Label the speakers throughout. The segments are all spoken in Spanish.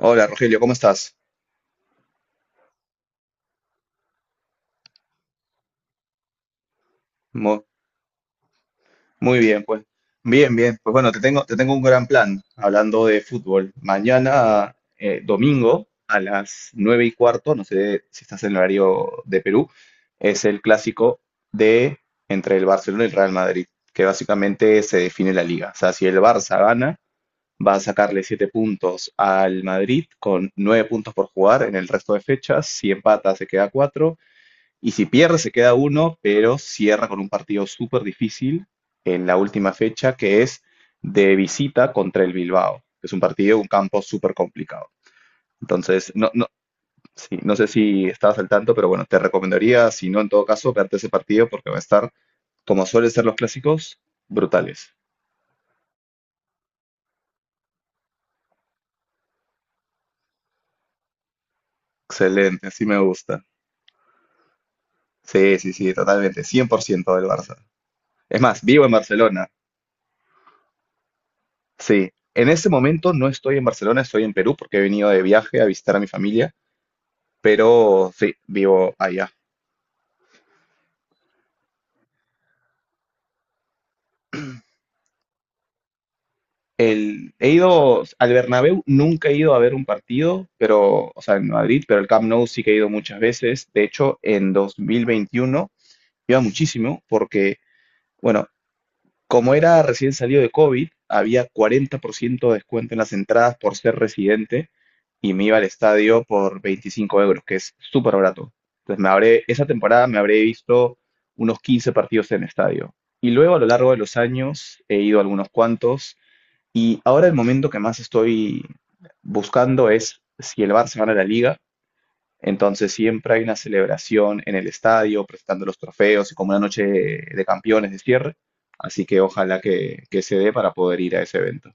Speaker 1: Hola Rogelio, ¿cómo estás? Mu- Muy bien, pues. Bien, bien. Pues bueno, te tengo un gran plan hablando de fútbol. Mañana, domingo, a las nueve y cuarto, no sé si estás en el horario de Perú, es el clásico de entre el Barcelona y el Real Madrid, que básicamente se define la liga. O sea, si el Barça gana, va a sacarle siete puntos al Madrid con nueve puntos por jugar en el resto de fechas. Si empata, se queda cuatro. Y si pierde, se queda uno, pero cierra con un partido súper difícil en la última fecha, que es de visita contra el Bilbao, que es un partido, un campo súper complicado. Entonces, sí, no sé si estabas al tanto, pero bueno, te recomendaría, si no, en todo caso, verte ese partido porque va a estar, como suelen ser los clásicos, brutales. Excelente, así me gusta. Sí, sí, sí, totalmente, 100% del Barça. Es más, vivo en Barcelona. Sí, en ese momento no estoy en Barcelona, estoy en Perú porque he venido de viaje a visitar a mi familia, pero sí, vivo allá. El, he ido al Bernabéu, nunca he ido a ver un partido, pero, o sea, en Madrid, pero el Camp Nou sí que he ido muchas veces. De hecho, en dos mil veintiuno iba muchísimo porque, bueno, como era recién salido de COVID, había 40% de descuento en las entradas por ser residente y me iba al estadio por 25 euros, que es súper barato. Entonces me habré, esa temporada me habré visto unos 15 partidos en estadio. Y luego a lo largo de los años he ido a algunos cuantos y ahora el momento que más estoy buscando es si el Barça gana la Liga, entonces siempre hay una celebración en el estadio, presentando los trofeos y como una noche de campeones de cierre. Así que ojalá que se dé para poder ir a ese evento.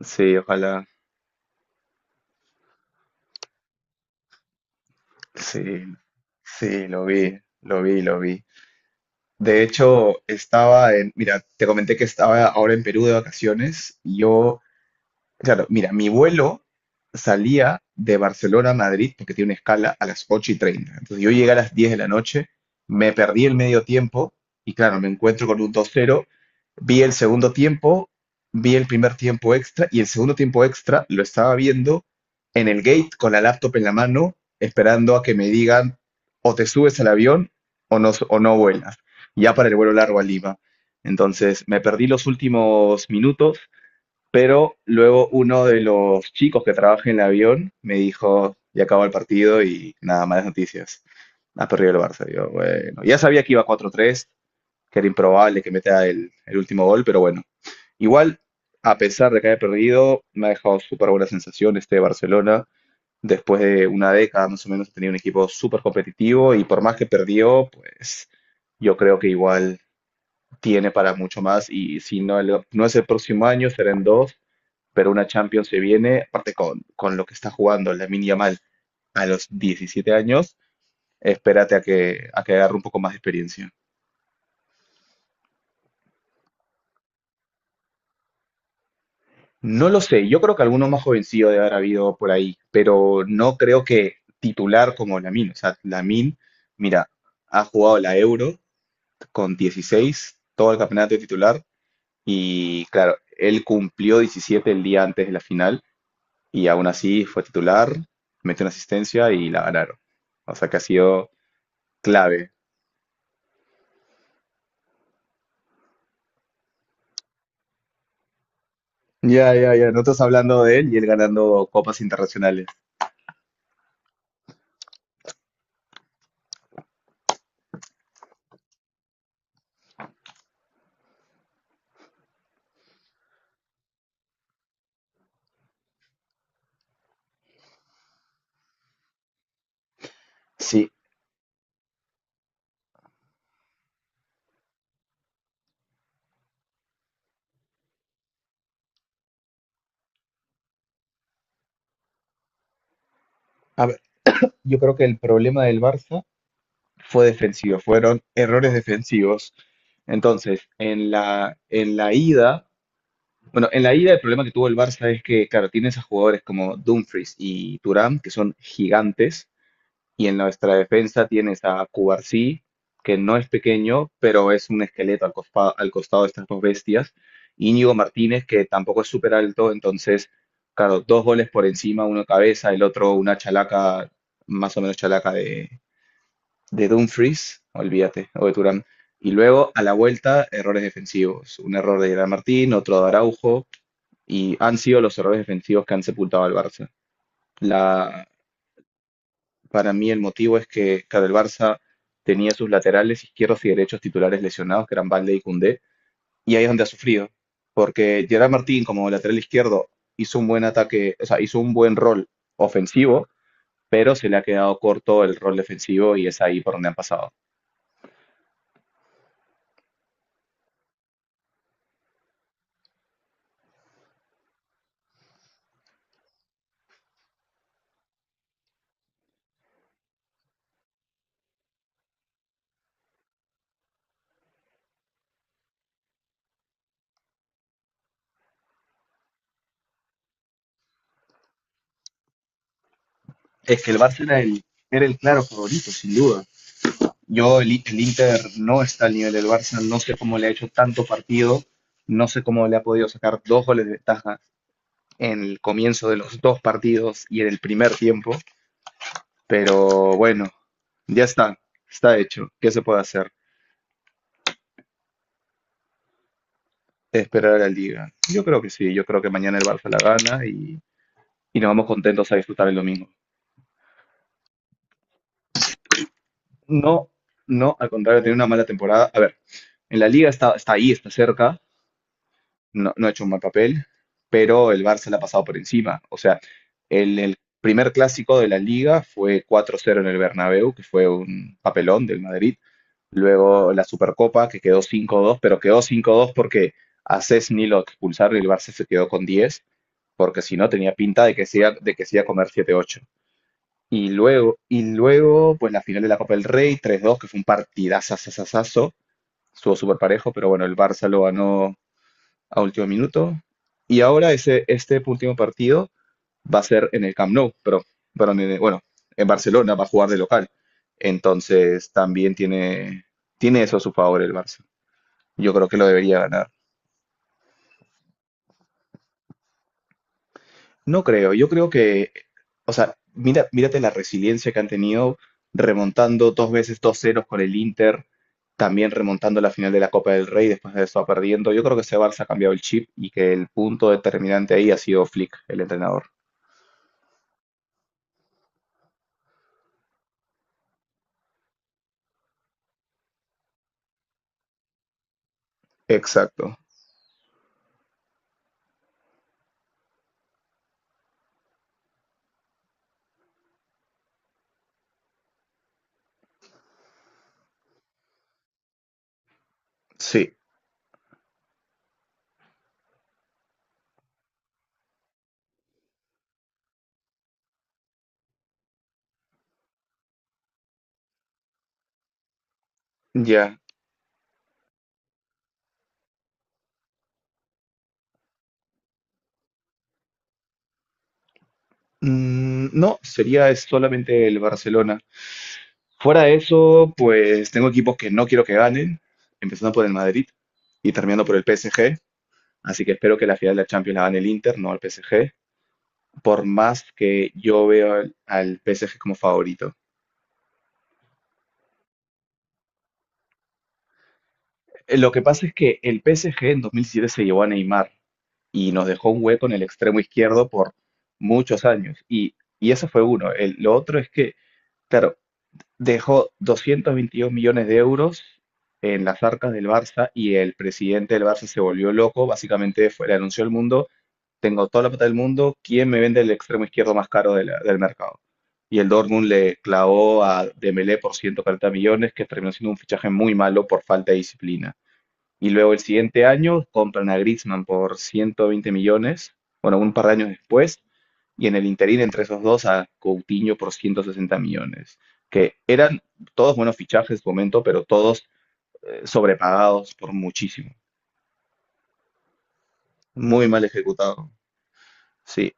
Speaker 1: Sí, ojalá. Sí, sí, lo vi, lo vi, lo vi. De hecho, estaba en, mira, te comenté que estaba ahora en Perú de vacaciones. Yo, claro, mira, mi vuelo salía de Barcelona a Madrid, porque tiene una escala, a las 8:30. Entonces yo llegué a las 10 de la noche, me perdí el medio tiempo y claro, me encuentro con un 2-0, vi el segundo tiempo, vi el primer tiempo extra y el segundo tiempo extra lo estaba viendo en el gate con la laptop en la mano, esperando a que me digan o te subes al avión o no, o no vuelas, ya para el vuelo largo a Lima. Entonces me perdí los últimos minutos, pero luego uno de los chicos que trabaja en el avión me dijo, ya acabó el partido y nada, malas noticias. Ha perdido el Barça. Yo, bueno, ya sabía que iba 4-3, que era improbable que meta el último gol, pero bueno. Igual, a pesar de que haya perdido, me ha dejado súper buena sensación este Barcelona. Después de una década más o menos tenía un equipo súper competitivo y por más que perdió, pues yo creo que igual tiene para mucho más y si no, no es el próximo año, será en dos, pero una Champions se viene, aparte con lo que está jugando Lamine Yamal a los 17 años, espérate a que agarre un poco más de experiencia. No lo sé, yo creo que alguno más jovencillo debe haber habido por ahí, pero no creo que titular como Lamine. O sea, Lamine, mira, ha jugado la Euro con 16, todo el campeonato de titular, y claro, él cumplió 17 el día antes de la final, y aún así fue titular, metió una asistencia y la ganaron. O sea que ha sido clave. Ya, ya, ya. No estás hablando de él y él ganando copas internacionales. Sí. A ver, yo creo que el problema del Barça fue defensivo, fueron errores defensivos. Entonces, en la ida, bueno, en la ida el problema que tuvo el Barça es que, claro, tiene a jugadores como Dumfries y Thuram, que son gigantes, y en nuestra defensa tienes a Cubarsí, que no es pequeño, pero es un esqueleto al, al costado de estas dos bestias. Íñigo Martínez, que tampoco es súper alto, entonces, claro, dos goles por encima, uno cabeza, el otro una chalaca, más o menos chalaca de Dumfries, olvídate, o de Turán. Y luego, a la vuelta, errores defensivos. Un error de Gerard Martín, otro de Araujo, y han sido los errores defensivos que han sepultado al Barça. La, para mí el motivo es que, claro, el Barça tenía sus laterales izquierdos y derechos titulares lesionados, que eran Balde y Koundé, y ahí es donde ha sufrido, porque Gerard Martín como lateral izquierdo hizo un buen ataque, o sea, hizo un buen rol ofensivo, pero se le ha quedado corto el rol defensivo y es ahí por donde han pasado. Es que el Barça era el claro favorito, sin duda. Yo, el Inter no está al nivel del Barça, no sé cómo le ha hecho tanto partido, no sé cómo le ha podido sacar dos goles de ventaja en el comienzo de los dos partidos y en el primer tiempo, pero bueno, ya está, está hecho. ¿Qué se puede hacer? Esperar a la liga. Yo creo que sí, yo creo que mañana el Barça la gana y nos vamos contentos a disfrutar el domingo. No, no, al contrario, tener una mala temporada. A ver, en la liga está, está ahí, está cerca, no, no ha hecho un mal papel, pero el Barça le ha pasado por encima. O sea, el primer clásico de la liga fue cuatro cero en el Bernabéu, que fue un papelón del Madrid. Luego la Supercopa, que quedó cinco dos, pero quedó cinco dos porque a Cesny lo expulsaron y el Barça se quedó con 10, porque si no tenía pinta de que se iba, de que se iba a comer siete ocho. Pues la final de la Copa del Rey, tres dos, que fue un partidazo, estuvo súper parejo, pero bueno, el Barça lo ganó a último minuto. Y ahora este último partido va a ser en el Camp Nou, pero, bueno, en Barcelona va a jugar de local. Entonces también tiene eso a su favor el Barça. Yo creo que lo debería ganar. No creo, yo creo que, o sea, mira, mírate la resiliencia que han tenido remontando dos veces dos ceros con el Inter, también remontando la final de la Copa del Rey después de eso perdiendo. Yo creo que ese Barça ha cambiado el chip y que el punto determinante ahí ha sido Flick, el entrenador. Exacto. Sí, ya. No, sería es solamente el Barcelona. Fuera de eso, pues tengo equipos que no quiero que ganen, empezando por el Madrid y terminando por el PSG. Así que espero que la final de la Champions la gane el Inter, no el PSG, por más que yo veo al, al PSG como favorito. Lo que pasa es que el PSG en 2007 se llevó a Neymar y nos dejó un hueco en el extremo izquierdo por muchos años. Y eso fue uno. Lo otro es que, claro, dejó 222 millones de euros en las arcas del Barça y el presidente del Barça se volvió loco, básicamente fue, le anunció al mundo, tengo toda la plata del mundo, ¿quién me vende el extremo izquierdo más caro de del mercado? Y el Dortmund le clavó a Dembélé por 140 millones, que terminó siendo un fichaje muy malo por falta de disciplina. Y luego el siguiente año compran a Griezmann por 120 millones, bueno, un par de años después, y en el interín entre esos dos a Coutinho por 160 millones, que eran todos buenos fichajes, momento, pero todos sobrepagados por muchísimo. Muy mal ejecutado. Sí,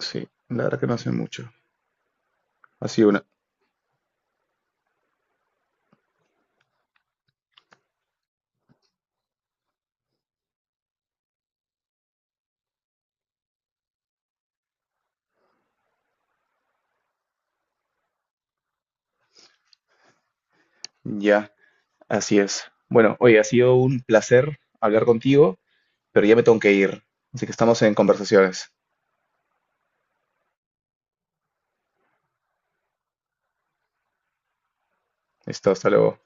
Speaker 1: sí, la verdad que no hace mucho. Así una. Ya, así es. Bueno, oye, ha sido un placer hablar contigo, pero ya me tengo que ir. Así que estamos en conversaciones. Listo, hasta luego.